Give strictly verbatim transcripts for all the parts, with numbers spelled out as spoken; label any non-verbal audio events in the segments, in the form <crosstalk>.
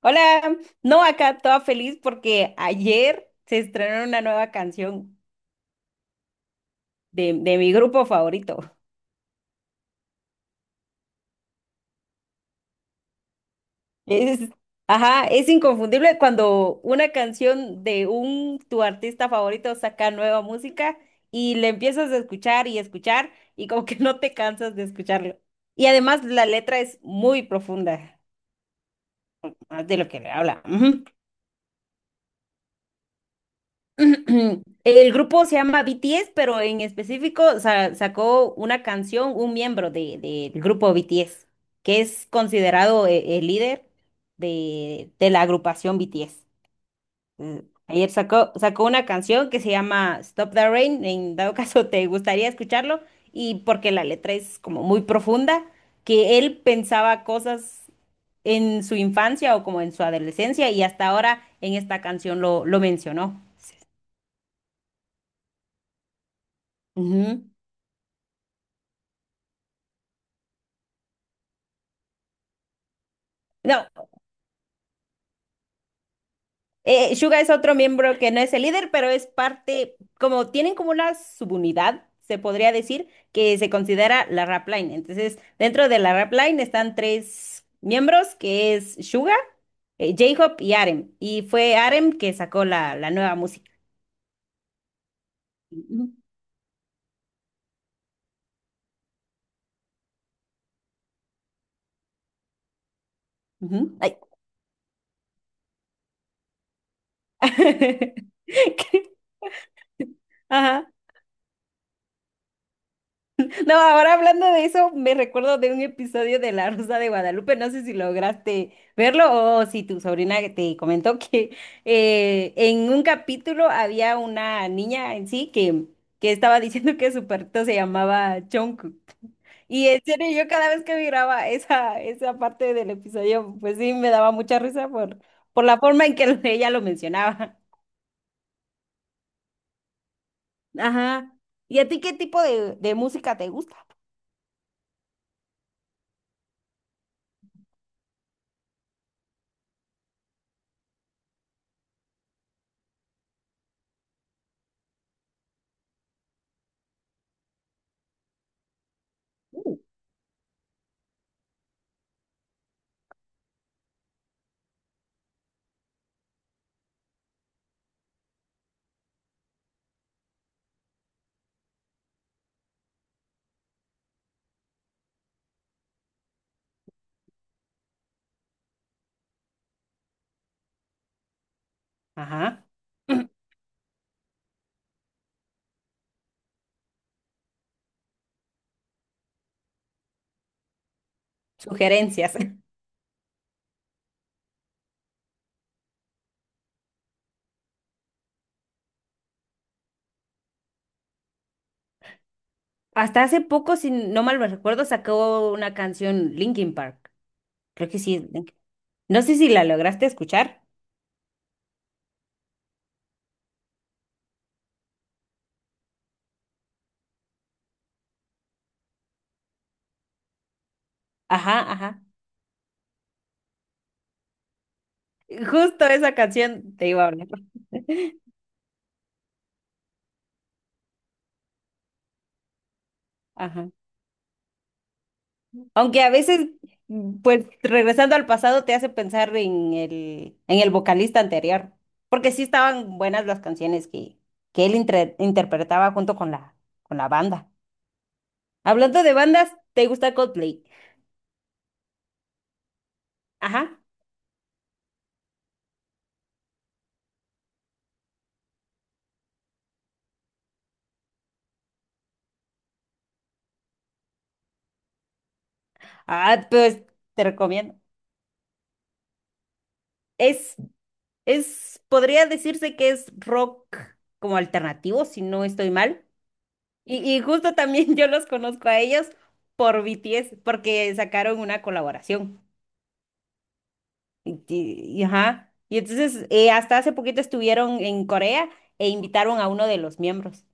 Hola, no, acá toda feliz porque ayer se estrenó una nueva canción de, de mi grupo favorito. Es, ajá, es inconfundible cuando una canción de un tu artista favorito saca nueva música y le empiezas a escuchar y escuchar y como que <laughs> no te cansas de escucharlo. Y además la letra es muy profunda, más de lo que le habla. Ujú. <clears throat> El grupo se llama B T S, pero en específico sa- sacó una canción, un miembro de, de- del grupo B T S, que es considerado e- el líder de, de la agrupación B T S. Mm, Ayer sacó, sacó una canción que se llama Stop the Rain, en dado <laughs> caso te gustaría escucharlo, y porque la letra es como muy profunda, que él pensaba cosas en su infancia o como en su adolescencia, y hasta ahora en esta canción lo, lo mencionó. Ujú. No, eh, Suga es otro miembro que no es el líder, pero es parte, como tienen como una subunidad, se podría decir, que se considera la rap line. Entonces, dentro de la rap line están tres miembros, que es Suga, eh, J-Hope y Arem. Y fue Arem que sacó la, la nueva música. Ujú, ujú, ay. <laughs> Ajá. No, ahora hablando de eso, me recuerdo de un episodio de La Rosa de Guadalupe. No sé si lograste verlo o si tu sobrina te comentó que eh, en un capítulo había una niña en sí que, que estaba diciendo que su perrito se llamaba Jungkook. Y en serio, yo cada vez que miraba esa, esa parte del episodio, pues sí, me daba mucha risa por, por la forma en que <laughs> ella lo mencionaba. Ajá. ¿Y a ti qué tipo de, de música te gusta? Ajá. <clears throat> Sugerencias. Hasta hace poco, si no mal me recuerdo, sacó una canción Linkin Park. Creo que sí, es Linkin- No sé si la lograste escuchar. Ajá, ajá. Justo esa canción te iba a hablar. Ajá. Aunque a veces, mm, pues regresando al pasado, te hace pensar en el, en el, vocalista anterior. Porque sí estaban buenas las canciones que, que él intre- interpretaba junto con la, con la banda. Hablando de bandas, ¿te gusta Coldplay? Ajá. Ah, pues te recomiendo. Es Es, podría decirse que es rock como alternativo, si no estoy mal. Y, y justo también <laughs> yo los conozco a ellos por B T S, porque sacaron una colaboración. Y, y- y ajá. Y entonces, eh, hasta hace poquito estuvieron en Corea e invitaron a uno de los miembros.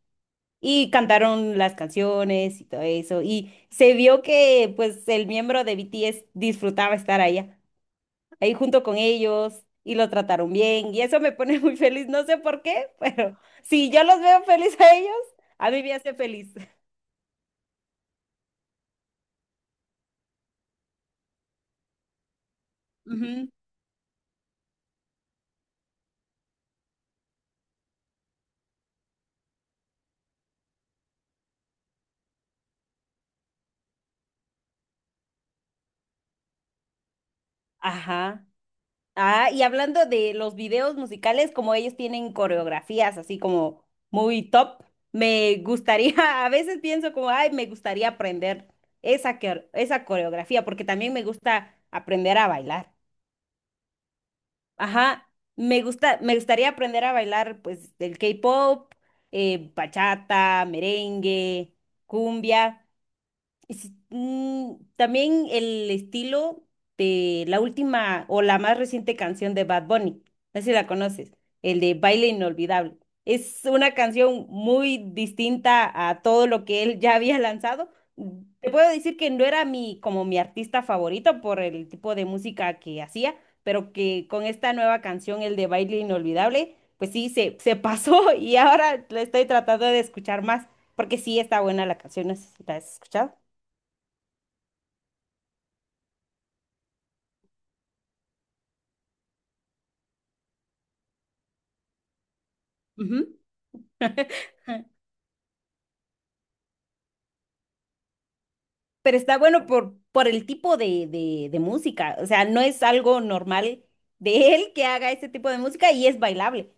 Y cantaron las canciones y todo eso. Y se vio que, pues, el miembro de B T S disfrutaba estar allá, ahí junto con ellos y lo trataron bien y eso me pone <laughs> muy feliz, no sé por qué, pero si yo los veo feliz a ellos, a mí me hace feliz. Ujú. Ajá. Ah, y hablando de los videos musicales, como ellos tienen coreografías así como muy top, me gustaría, <laughs> a veces pienso como, ay, me gustaría aprender esa, que- esa coreografía, porque también me gusta aprender a bailar. Ajá, me gusta, me gustaría aprender a bailar pues el K-pop, eh, bachata, merengue, cumbia. Y si- mm, también el estilo de la última o la más reciente canción de Bad Bunny, no sé si la conoces, el de Baile Inolvidable. Es una canción muy distinta a todo lo que él ya había lanzado. Mm, Te puedo decir que no era mi, como mi artista favorito por el tipo de música que hacía, pero que con esta nueva canción, el de Baile Inolvidable, pues sí, se, se, pasó <laughs> y ahora la estoy tratando de escuchar más, porque sí está buena la canción, no sé si la has escuchado. Ujú. <laughs> Pero está bueno por, por el tipo de, de, de música. O sea, no es algo normal de él que haga ese tipo de música y es bailable.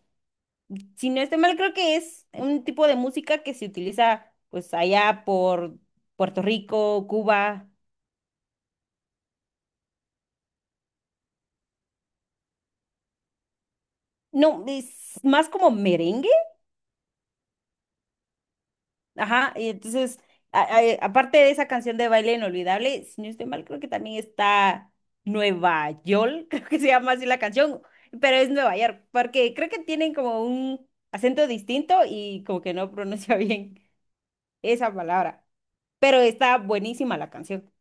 Si no estoy mal, creo que es un tipo de música que se utiliza pues allá por Puerto Rico, Cuba. No, es más como merengue. Ajá, y entonces, a- a- aparte de esa canción de Baile Inolvidable, si no estoy mal, creo que también está Nueva York, <laughs> creo que se llama así la canción, pero es Nueva York, porque creo que tienen como un acento distinto y como que no pronuncia <laughs> bien esa palabra, pero está buenísima la canción.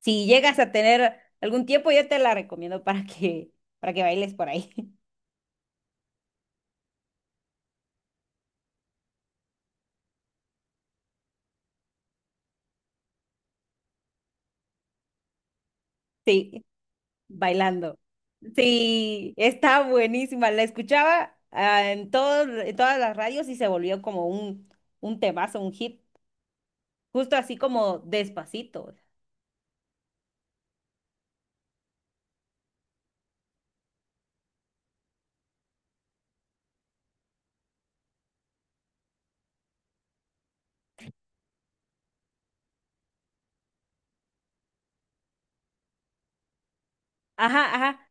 Si llegas a tener algún tiempo, yo te la recomiendo para que, para que, bailes por ahí. <laughs> Sí. Bailando. Sí, está buenísima. La escuchaba ah, en todos, en todas las radios y se volvió como un, un temazo, un hit, justo así como Despacito. Ajá, ajá.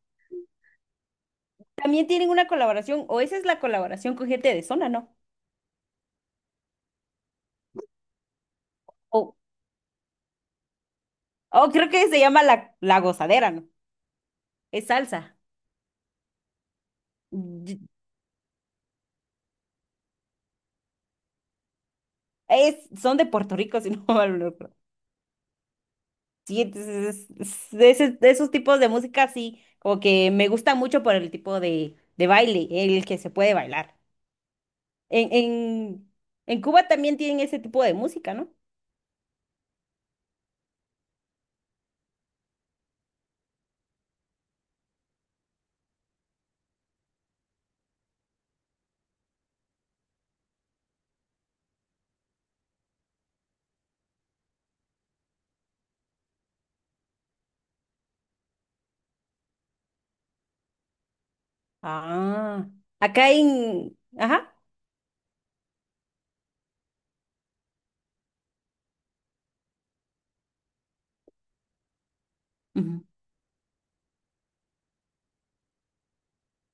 También tienen una colaboración, o esa es la colaboración con gente de zona, ¿no? O o creo que se llama la, la gozadera, ¿no? Es salsa. Y- Es, son de Puerto Rico, <laughs> si no mal no recuerdo. Sí, entonces es- es- de ese- de esos tipos de música sí, como que me gusta mucho por el tipo de, de baile, el que se puede bailar. En, en, en Cuba también tienen ese tipo de música, ¿no? Ah, acá en. Ajá. Ujú.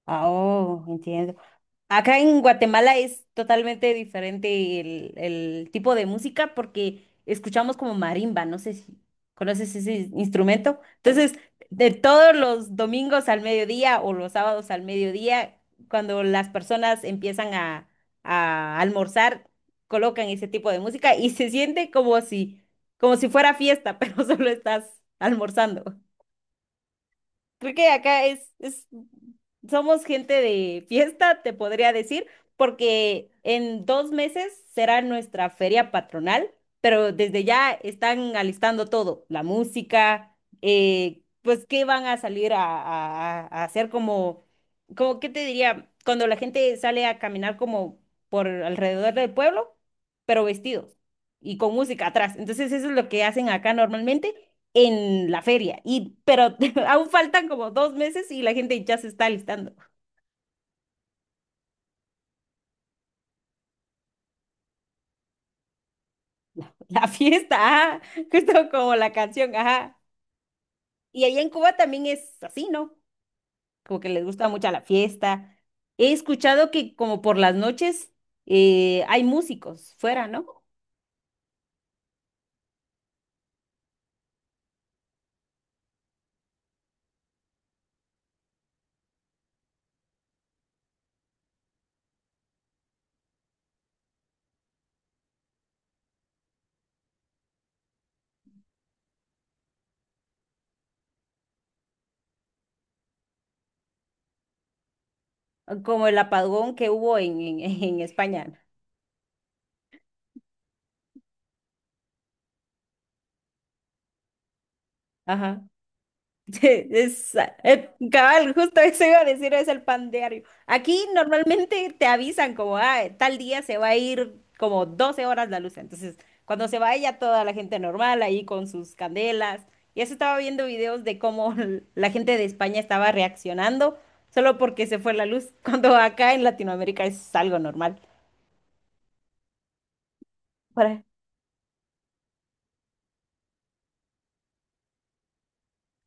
Ah, oh, entiendo. Acá en Guatemala es totalmente diferente el, el, tipo de música porque escuchamos como marimba, no sé si conoces ese instrumento. Entonces, de todos los domingos al mediodía o los sábados al mediodía, cuando las personas empiezan a, a almorzar, colocan ese tipo de música y se siente como si, como si, fuera fiesta, <laughs> pero solo estás almorzando. Creo que acá es, es, somos gente de fiesta, te podría decir, porque en dos meses será nuestra feria patronal, pero desde ya están alistando todo, la música, eh, pues qué van a salir a, a- a hacer como, como, ¿qué te diría? Cuando la gente sale a caminar como por alrededor del pueblo, pero vestidos y con música atrás. Entonces eso es lo que hacen acá normalmente en la feria. Y, pero <laughs> aún faltan como dos meses y la gente ya se está alistando. <laughs> La fiesta, ajá, justo como la canción, ajá. Y allá en Cuba también es así, ¿no? Como que les gusta mucho la fiesta. He escuchado que como por las noches eh, hay músicos fuera, ¿no? Como el apagón que hubo en, en, <laughs> en España. Ajá. <laughs> Es, eh, Cabal, justo eso iba a decir, es el pan diario. Aquí normalmente te avisan como, ah, tal día se va a ir como doce horas la luz. Entonces, cuando se vaya toda la gente normal ahí con sus candelas. Y eso estaba viendo videos de cómo l- la gente de España estaba reaccionando solo porque se fue la luz, <laughs> cuando acá en Latinoamérica es algo normal. Para,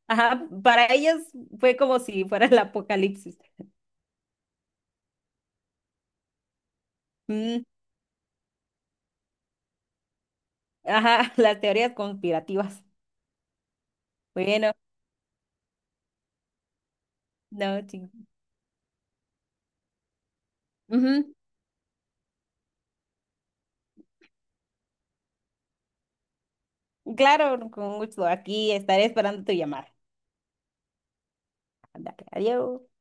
ajá, para ellos fue como si fuera el apocalipsis. Mm, ajá, <laughs> las teorías conspirativas. Bueno. No, sí. Ujú. Claro, con gusto. Aquí estaré esperando tu llamada. Ándale, adiós.